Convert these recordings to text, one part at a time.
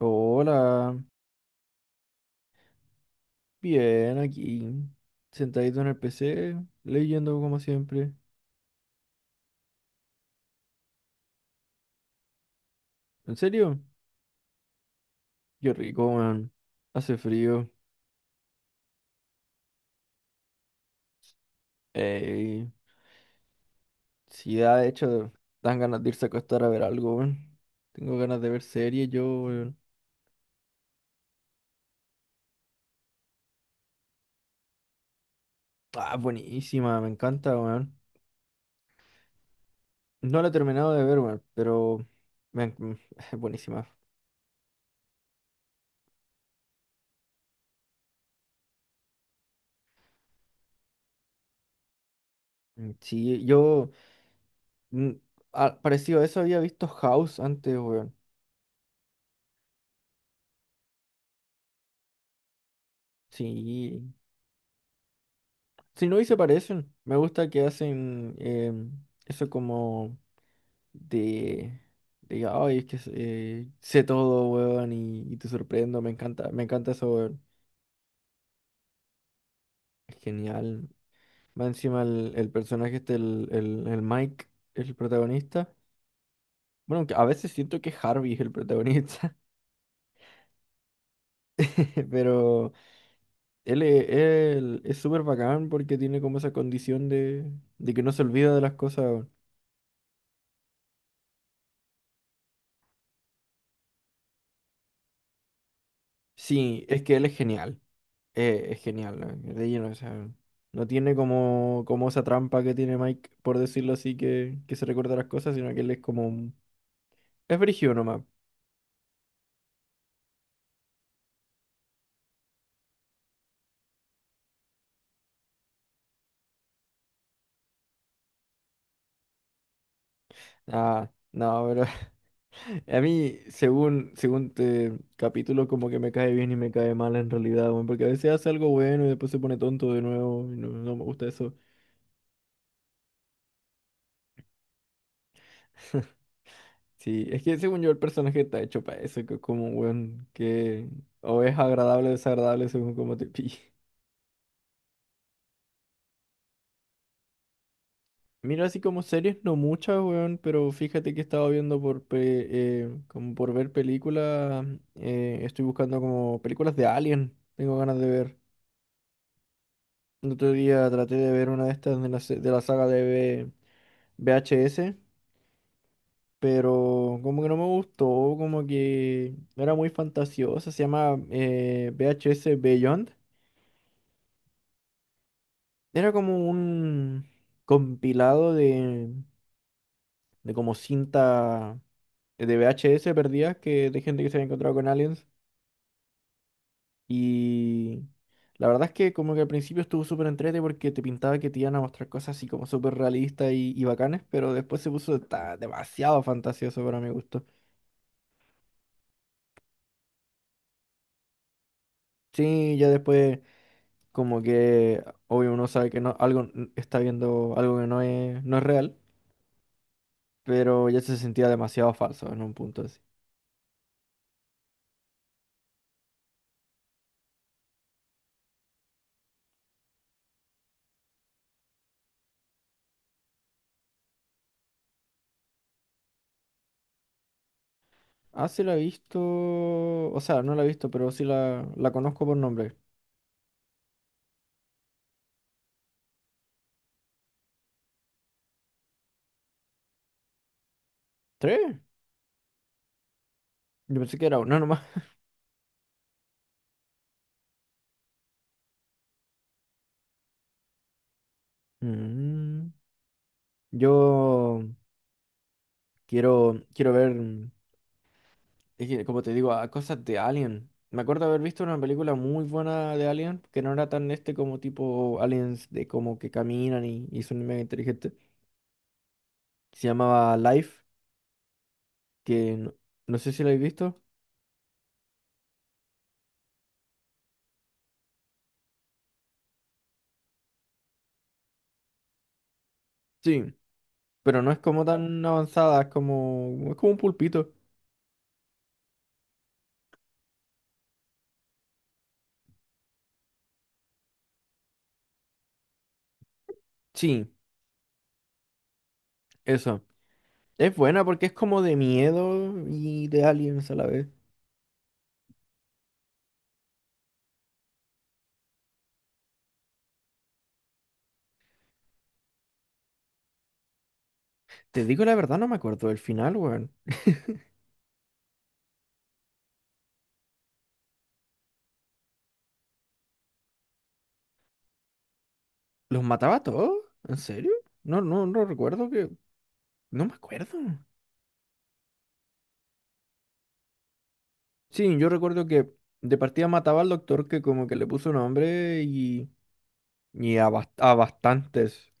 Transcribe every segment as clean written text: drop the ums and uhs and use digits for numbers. Hola, bien aquí, sentadito en el PC, leyendo como siempre. ¿En serio? Qué rico, man. Hace frío. Ey, sí, de hecho, dan ganas de irse a acostar a ver algo, weón. Tengo ganas de ver series, yo, weón. Ah, buenísima, me encanta, weón. No la he terminado de ver, weón, pero me en- es buenísima. Mm, sí, mm, ah, parecido a eso había visto House antes, weón. Sí. Si no, y se parecen. Me gusta que hacen eso como de, ay, es que sé todo, weón, y te sorprendo. Me encanta eso, weón. Es genial. Va encima el personaje este, el Mike, el protagonista. Bueno, aunque a veces siento que Harvey es el protagonista, pero él es súper bacán porque tiene como esa condición de que no se olvida de las cosas, weón. Sí, es que él es genial. Es genial, de lleno, o sea, no tiene como esa trampa que tiene Mike, por decirlo así, que se recuerda las cosas, sino que él es como... Es brígido nomás. Ah, no, pero a mí, según te capítulo, como que me cae bien y me cae mal en realidad, weón, porque a veces hace algo bueno y después se pone tonto de nuevo, y no, no me gusta eso. Sí, es que según yo el personaje está hecho para eso, que es como un weón que o es agradable o desagradable según como te pille. Mira, así como series, no muchas, weón, pero fíjate que estaba viendo como por ver películas. Estoy buscando como películas de Alien, tengo ganas de ver. El otro día traté de ver una de estas de la saga de VHS, pero como que no me gustó, como que no era muy fantasiosa, se llama V H S Beyond. Era como un compilado de como cinta de VHS perdidas que de gente que se había encontrado con aliens. Y la verdad es que como que al principio estuvo súper entrete porque te pintaba que te iban a mostrar cosas así como súper realistas y bacanes, pero después se puso demasiado fantasioso para mi gusto. Sí, ya después como que obvio uno sabe que no, está viendo algo que no es real, pero ya se sentía demasiado falso en un punto así. Ah, sí la he visto, o sea, no la he visto, pero sí la conozco por nombre. ¿Tres? Yo pensé que era uno nomás. Mm, Yo quiero ver, es que, como te digo, a cosas de Alien. Me acuerdo haber visto una película muy buena de Alien, que no era tan este como tipo aliens de como que caminan y son mega inteligentes. Se llamaba Life, que no, no sé si la habéis visto. Sí, pero no es como tan avanzada, es como un pulpito. Sí, eso. Es buena porque es como de miedo y de aliens a la vez. Te digo la verdad, no me acuerdo del final, weón. ¿Los mataba a todos? ¿En serio? No, no, no recuerdo que... No me acuerdo. Sí, yo recuerdo que de partida mataba al doctor que como que le puso nombre y... Y a bastantes.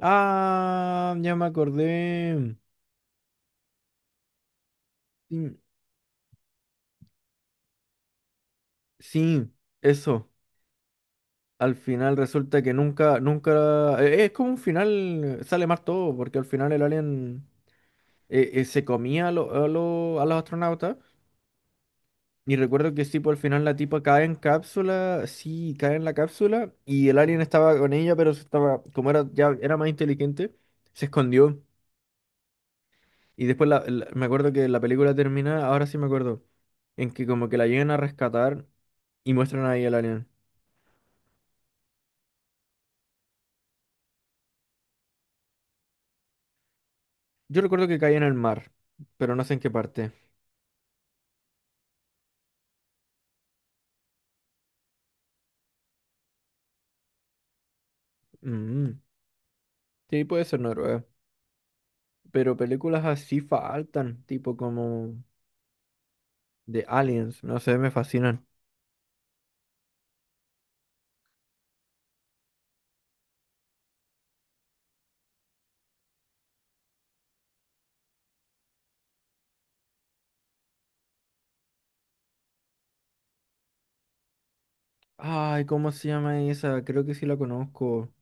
Ah, ya me acordé. Sí, sí, eso. Al final resulta que nunca, nunca... Es como un final, sale mal todo, porque al final el alien se comía a los astronautas. Y recuerdo que sí, por el final la tipa cae en cápsula, sí, cae en la cápsula y el alien estaba con ella, pero como era ya era más inteligente, se escondió. Y después me acuerdo que la película termina, ahora sí me acuerdo, en que como que la llegan a rescatar y muestran ahí el alien. Yo recuerdo que cae en el mar, pero no sé en qué parte. Mm, sí, puede ser Noruega, pero películas así faltan, tipo como de aliens, no sé, me fascinan. Ay, ¿cómo se llama esa? Creo que sí la conozco.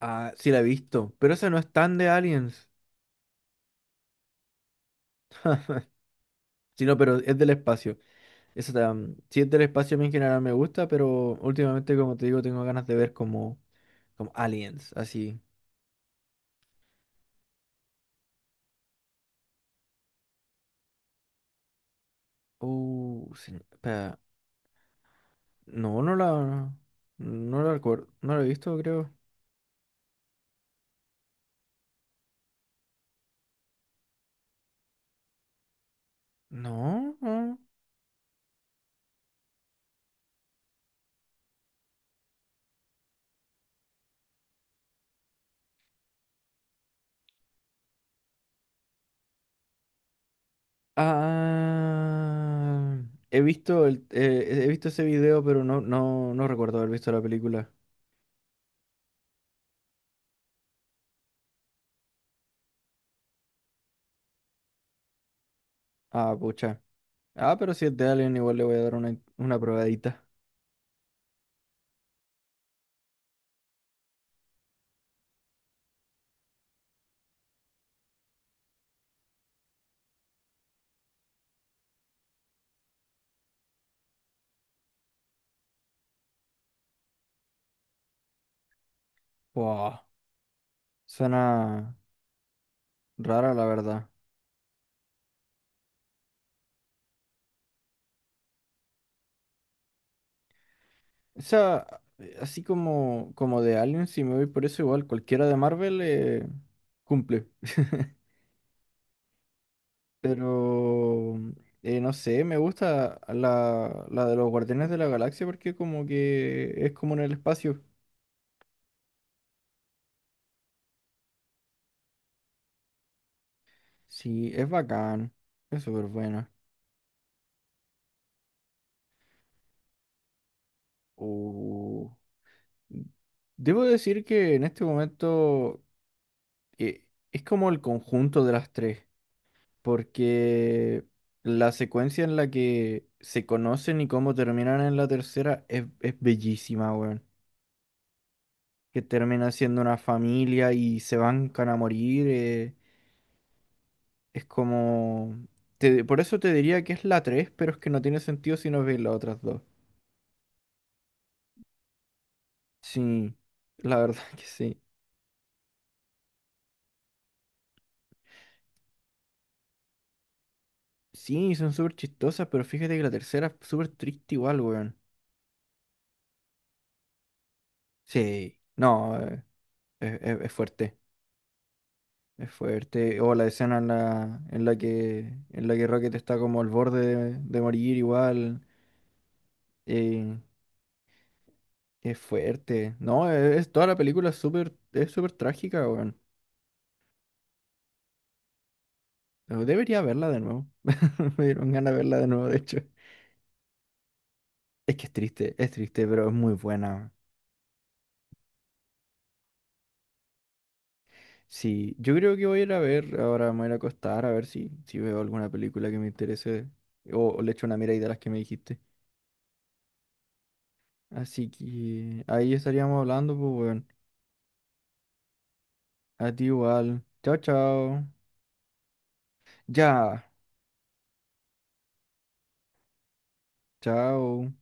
Ah, sí la he visto. Pero esa no es tan de Aliens. Sino, pero es del espacio. Sí es del espacio, a mí en general me gusta, pero últimamente, como te digo, tengo ganas de ver como Aliens, así. Espera. No, no la. No la recuerdo. No la he visto, creo. No, no. Ah, he visto he visto ese video, pero no, no, no recuerdo haber visto la película. Ah, pucha. Ah, pero si es de Alien, igual le voy a dar una probadita. Wow, suena rara, la verdad. O sea, así como de Alien, si me voy por eso, igual cualquiera de Marvel cumple. Pero, no sé, me gusta la de los Guardianes de la Galaxia porque como que es como en el espacio. Sí, es bacán, es súper buena. Uh, Debo decir que en este momento eh, es como el conjunto de las tres, porque la secuencia en la que se conocen y cómo terminan en la tercera es bellísima, weón. Que termina siendo una familia y se bancan a morir. Es como... por eso te diría que es la tres, pero es que no tiene sentido si no ves las otras dos. Sí, la verdad que sí. Sí, son súper chistosas, pero fíjate que la tercera es súper triste igual, weón. Sí, no, es fuerte. Es fuerte. O la escena en la que Rocket está como al borde de morir igual. eh, es fuerte. No, toda la película es súper, trágica, weón. Pero debería verla de nuevo. Me dieron ganas de verla de nuevo, de hecho. Es que es triste, pero es muy buena. Sí, yo creo que voy a ir a ver, ahora me voy a ir a acostar a ver si veo alguna película que me interese. O le echo una mirada de las que me dijiste. Así que ahí estaríamos hablando, pues, weón. A ti igual. Chao, chao. Ya. Chao.